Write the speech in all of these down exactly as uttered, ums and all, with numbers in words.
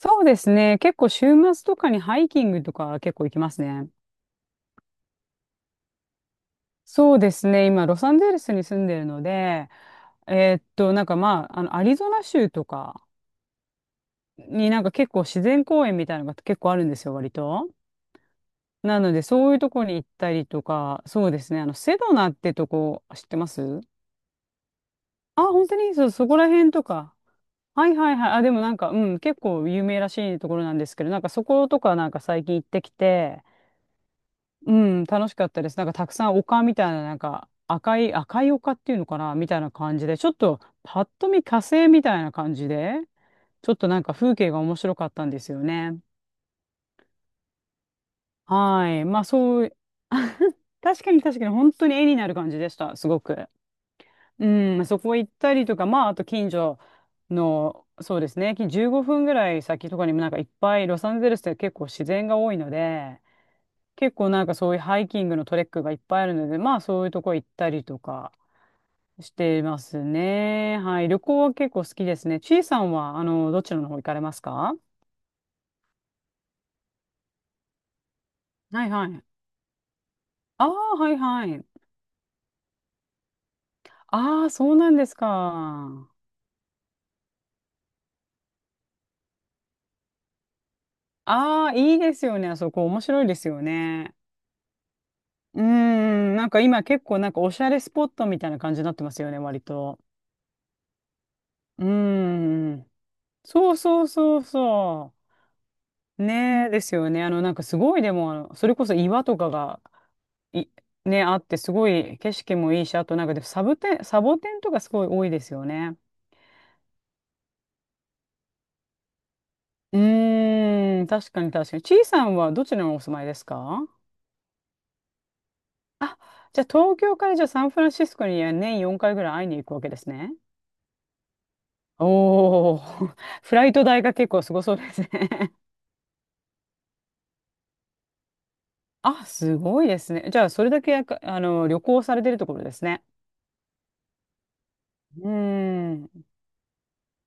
そうですね。結構週末とかにハイキングとか結構行きますね。そうですね。今、ロサンゼルスに住んでるので、えーっと、なんかまあ、あの、アリゾナ州とかになんか結構自然公園みたいなのが結構あるんですよ、割と。なので、そういうとこに行ったりとか、そうですね。あの、セドナってとこ知ってます？あ、本当にそう、そこら辺とか。はいはいはい。あ、でもなんか、うん、結構有名らしいところなんですけど、なんかそことかなんか最近行ってきて、うん、楽しかったです。なんかたくさん丘みたいな、なんか赤い、赤い丘っていうのかなみたいな感じで、ちょっとパッと見火星みたいな感じで、ちょっとなんか風景が面白かったんですよね。はい。まあそう、確かに確かに本当に絵になる感じでした。すごく。うん、そこ行ったりとか、まああと近所の、そうですね、じゅうごふんぐらい先とかにもなんかいっぱいロサンゼルスって結構自然が多いので、結構なんかそういうハイキングのトレックがいっぱいあるので、まあそういうとこ行ったりとかしてますね。はい。旅行は結構好きですね。ちいさんは、あの、どちらの方行かれますか？はいはい。ああ、はいはい。ああ、そうなんですか。ああ、いいですよね。あそこ面白いですよね。うーん、なんか今結構なんかおしゃれスポットみたいな感じになってますよね、割と。うーん。そうそうそうそう。ねえ、ですよね。あの、なんかすごいでも、あのそれこそ岩とかが、い、ね、あって、すごい景色もいいし、あとなんかでサボテン、サボテンとかすごい多いですよね。うーん、確かに確かに。ちいさんはどちらにお住まいですか？あ、じゃあ東京からじゃあサンフランシスコに年よんかいぐらい会いに行くわけですね。おー、フライト代が結構すごそうですね。あ、すごいですね。じゃあそれだけやかあの旅行されてるところですね。うーん。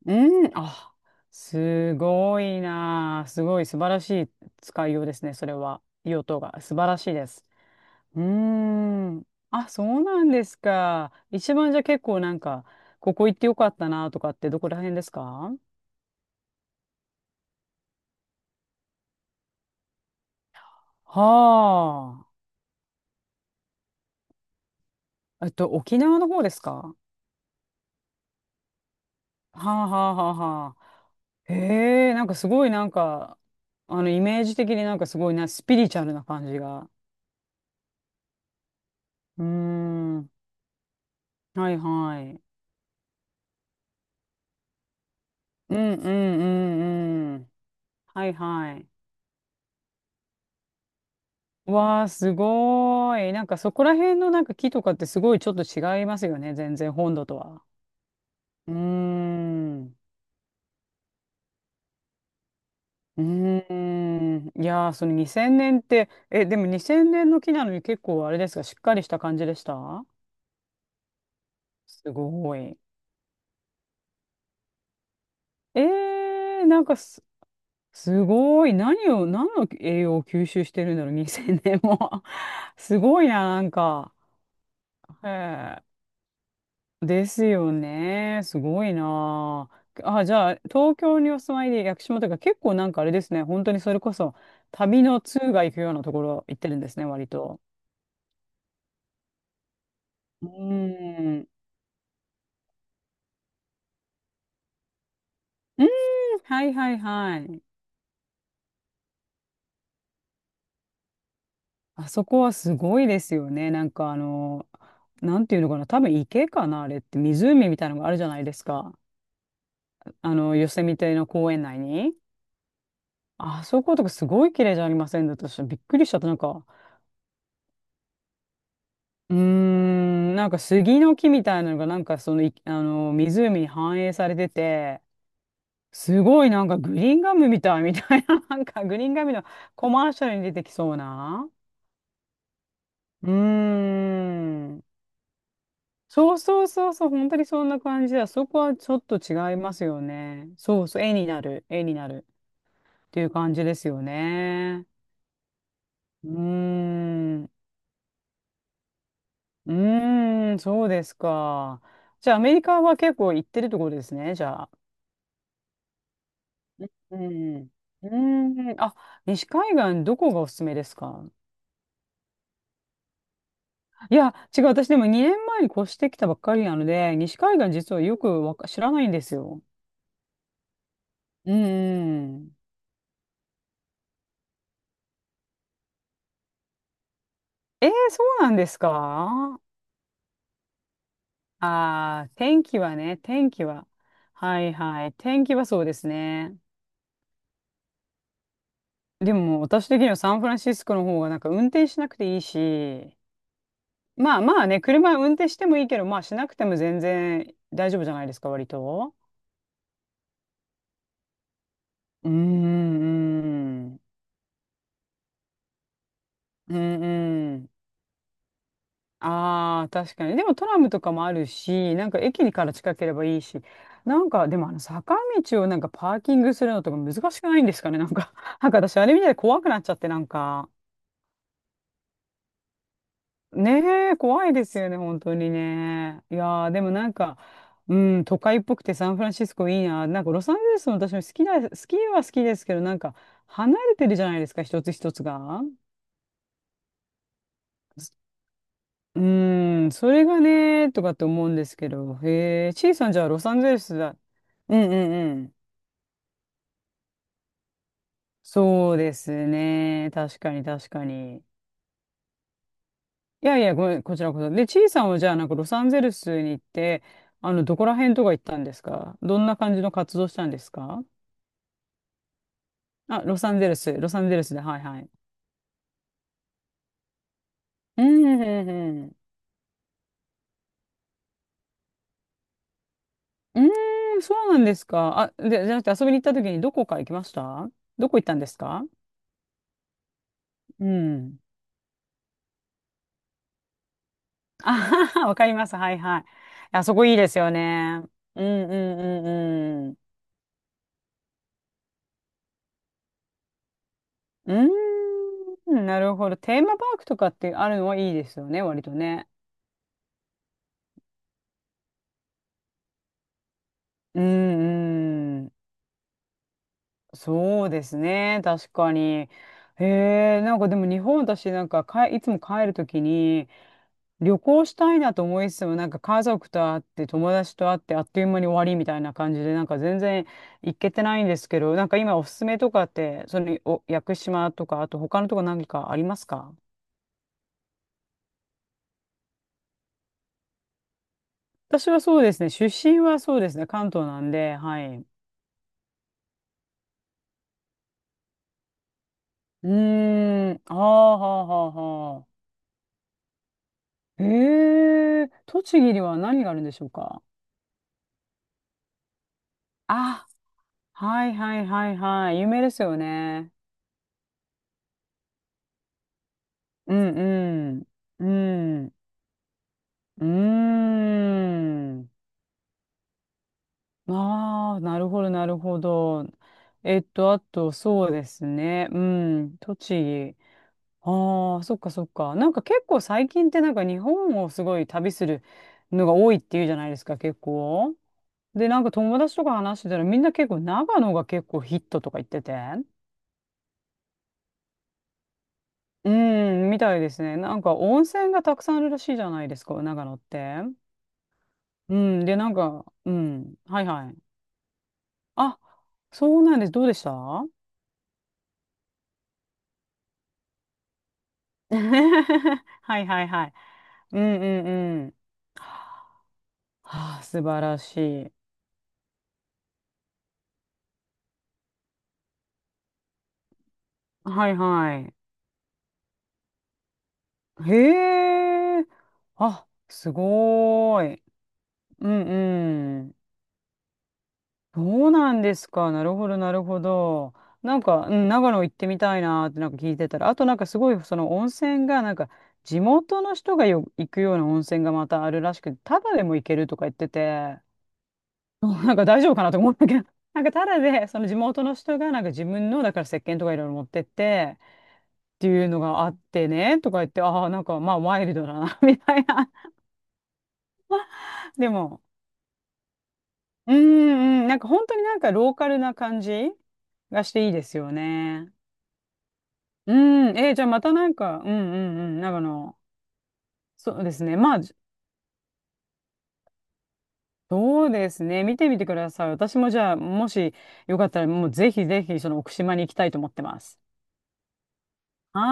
うん、あ、すごいなあ。すごい素晴らしい使いようですね、それは。用途が素晴らしいです。うーん。あ、そうなんですか。一番じゃあ結構なんか、ここ行ってよかったなとかってどこら辺ですか？はあ。えっと、沖縄の方ですか？はあはあはあはあ。へえ、なんかすごいなんか、あの、イメージ的になんかすごいな、スピリチュアルな感じが。うーん。はいはい。うんうんうんうん。はいはい。わあ、すごーい。なんかそこら辺のなんか木とかってすごいちょっと違いますよね。全然本土とは。うーん。うーん。いやー、そのにせんねんって、え、でもにせんねんの木なのに結構あれですか、しっかりした感じでした？すごい。えー、なんかす、すごい。何を、何の栄養を吸収してるんだろう、に せんねんも。すごいな、なんか。へえ。ですよね。すごいなあ。あ、じゃあ、東京にお住まいで屋久島とか結構なんかあれですね。本当にそれこそ旅の通が行くようなところ行ってるんですね、割と。うーん。うん、はいはいはい。あそこはすごいですよね。なんかあの、なんていうのかな。多分池かな、あれって。湖みたいなのがあるじゃないですか。あの、ヨセミテの公園内に。あそことかすごい綺麗じゃありませんだとびっくりしちゃった。なんか、うーん、なんか杉の木みたいなのがなんかその、いあの、湖に反映されてて、すごいなんかグリーンガムみたいみたいな、なんかグリーンガムのコマーシャルに出てきそうな。うーん。そうそうそうそう、本当にそんな感じだ。そこはちょっと違いますよね。そうそう、絵になる、絵になるっていう感じですよね。うーん。うーん、そうですか。じゃあアメリカは結構行ってるところですね、じゃあ。うん。うん。あ、西海岸どこがおすすめですか？いや、違う。私でもにねんまえに越してきたばっかりなので、西海岸実はよくわか知らないんですよ。うん。えー、そうなんですか？ああー、天気はね、天気は。はいはい。天気はそうですね。でも私的にはサンフランシスコの方がなんか運転しなくていいし、まあまあね、車運転してもいいけど、まあしなくても全然大丈夫じゃないですか、割と。うーん、うーん、うん。ああー、確かに。でもトラムとかもあるし、なんか駅から近ければいいし、なんかでもあの坂道をなんかパーキングするのとか難しくないんですかね。なんか、なんか私あれ見た怖くなっちゃって、なんか、ねえ、怖いですよね、本当にね。いやー、でもなんか、うん、都会っぽくてサンフランシスコいいな。なんかロサンゼルスも私も好きだ、好きは好きですけど、なんか離れてるじゃないですか、一つ一つが。うーん、それがね、とかって思うんですけど、へえ、ちいさんじゃあロサンゼルスだ。うんうんうん。そうですね。確かに確かに。いやいや、ごめん、こちらこそ。で、ちいさんはじゃあなんかロサンゼルスに行って、あの、どこら辺とか行ったんですか？どんな感じの活動したんですか？あ、ロサンゼルス、ロサンゼルスで、はいはい。うんうんうん。うーん、そうなんですか。あ、で、じゃなくて遊びに行った時にどこか行きました？どこ行ったんですか？うん。あははわかります。はいはい。あそこいいですよね。うんうんうんうん。うーん、なるほど。テーマパークとかってあるのはいいですよね、割とね。うんうん。そうですね、確かに。へえ、なんかでも日本私なんかかえいつも帰るときに、旅行したいなと思いつつも、なんか家族と会って、友達と会って、あっという間に終わりみたいな感じで、なんか全然行けてないんですけど、なんか今おすすめとかって、そのお屋久島とか、あと他のとこ何かありますか？私はそうですね、出身はそうですね、関東なんで、はい。うーん、あーはあはあはあ。えー、栃木には何があるんでしょうか？あ、はいはいはいはい、有名ですよね。うんうん。うん。うーん。ああ、なるほど、なるほど。えっと、あと、そうですね。うん、栃木。ああ、そっかそっか。なんか結構最近ってなんか日本をすごい旅するのが多いっていうじゃないですか、結構。で、なんか友達とか話してたらみんな結構長野が結構ヒットとか言ってて。うん、みたいですね。なんか温泉がたくさんあるらしいじゃないですか、長野って。うん、で、なんか、うん、はいはい。あ、そうなんです。どうでした？ はいはいはい。うんうんうん。はあ、素晴らしい。はいはい。へえ。あ、すごーい。うんうん。そうなんですか。なるほどなるほど。なんか、うん、長野行ってみたいなーってなんか聞いてたら、あとなんかすごいその温泉がなんか地元の人がよ行くような温泉がまたあるらしくて、タダでも行けるとか言ってて。そうなんか大丈夫かなと思ったけど、なんかただで、その地元の人が、なんか自分の、だから石鹸とかいろいろ持ってって、っていうのがあってね、とか言って、ああ、なんかまあワイルドだな、みたいな。でも、うんうん、なんか本当になんかローカルな感じがしていいですよね。うん、えーじゃあまたなんか、うんうんうん、なんかあの、そうですね、まあ、じそうですね、見てみてください。私もじゃあ、もしよかったら、もうぜひぜひ、その奥島に行きたいと思ってます。はい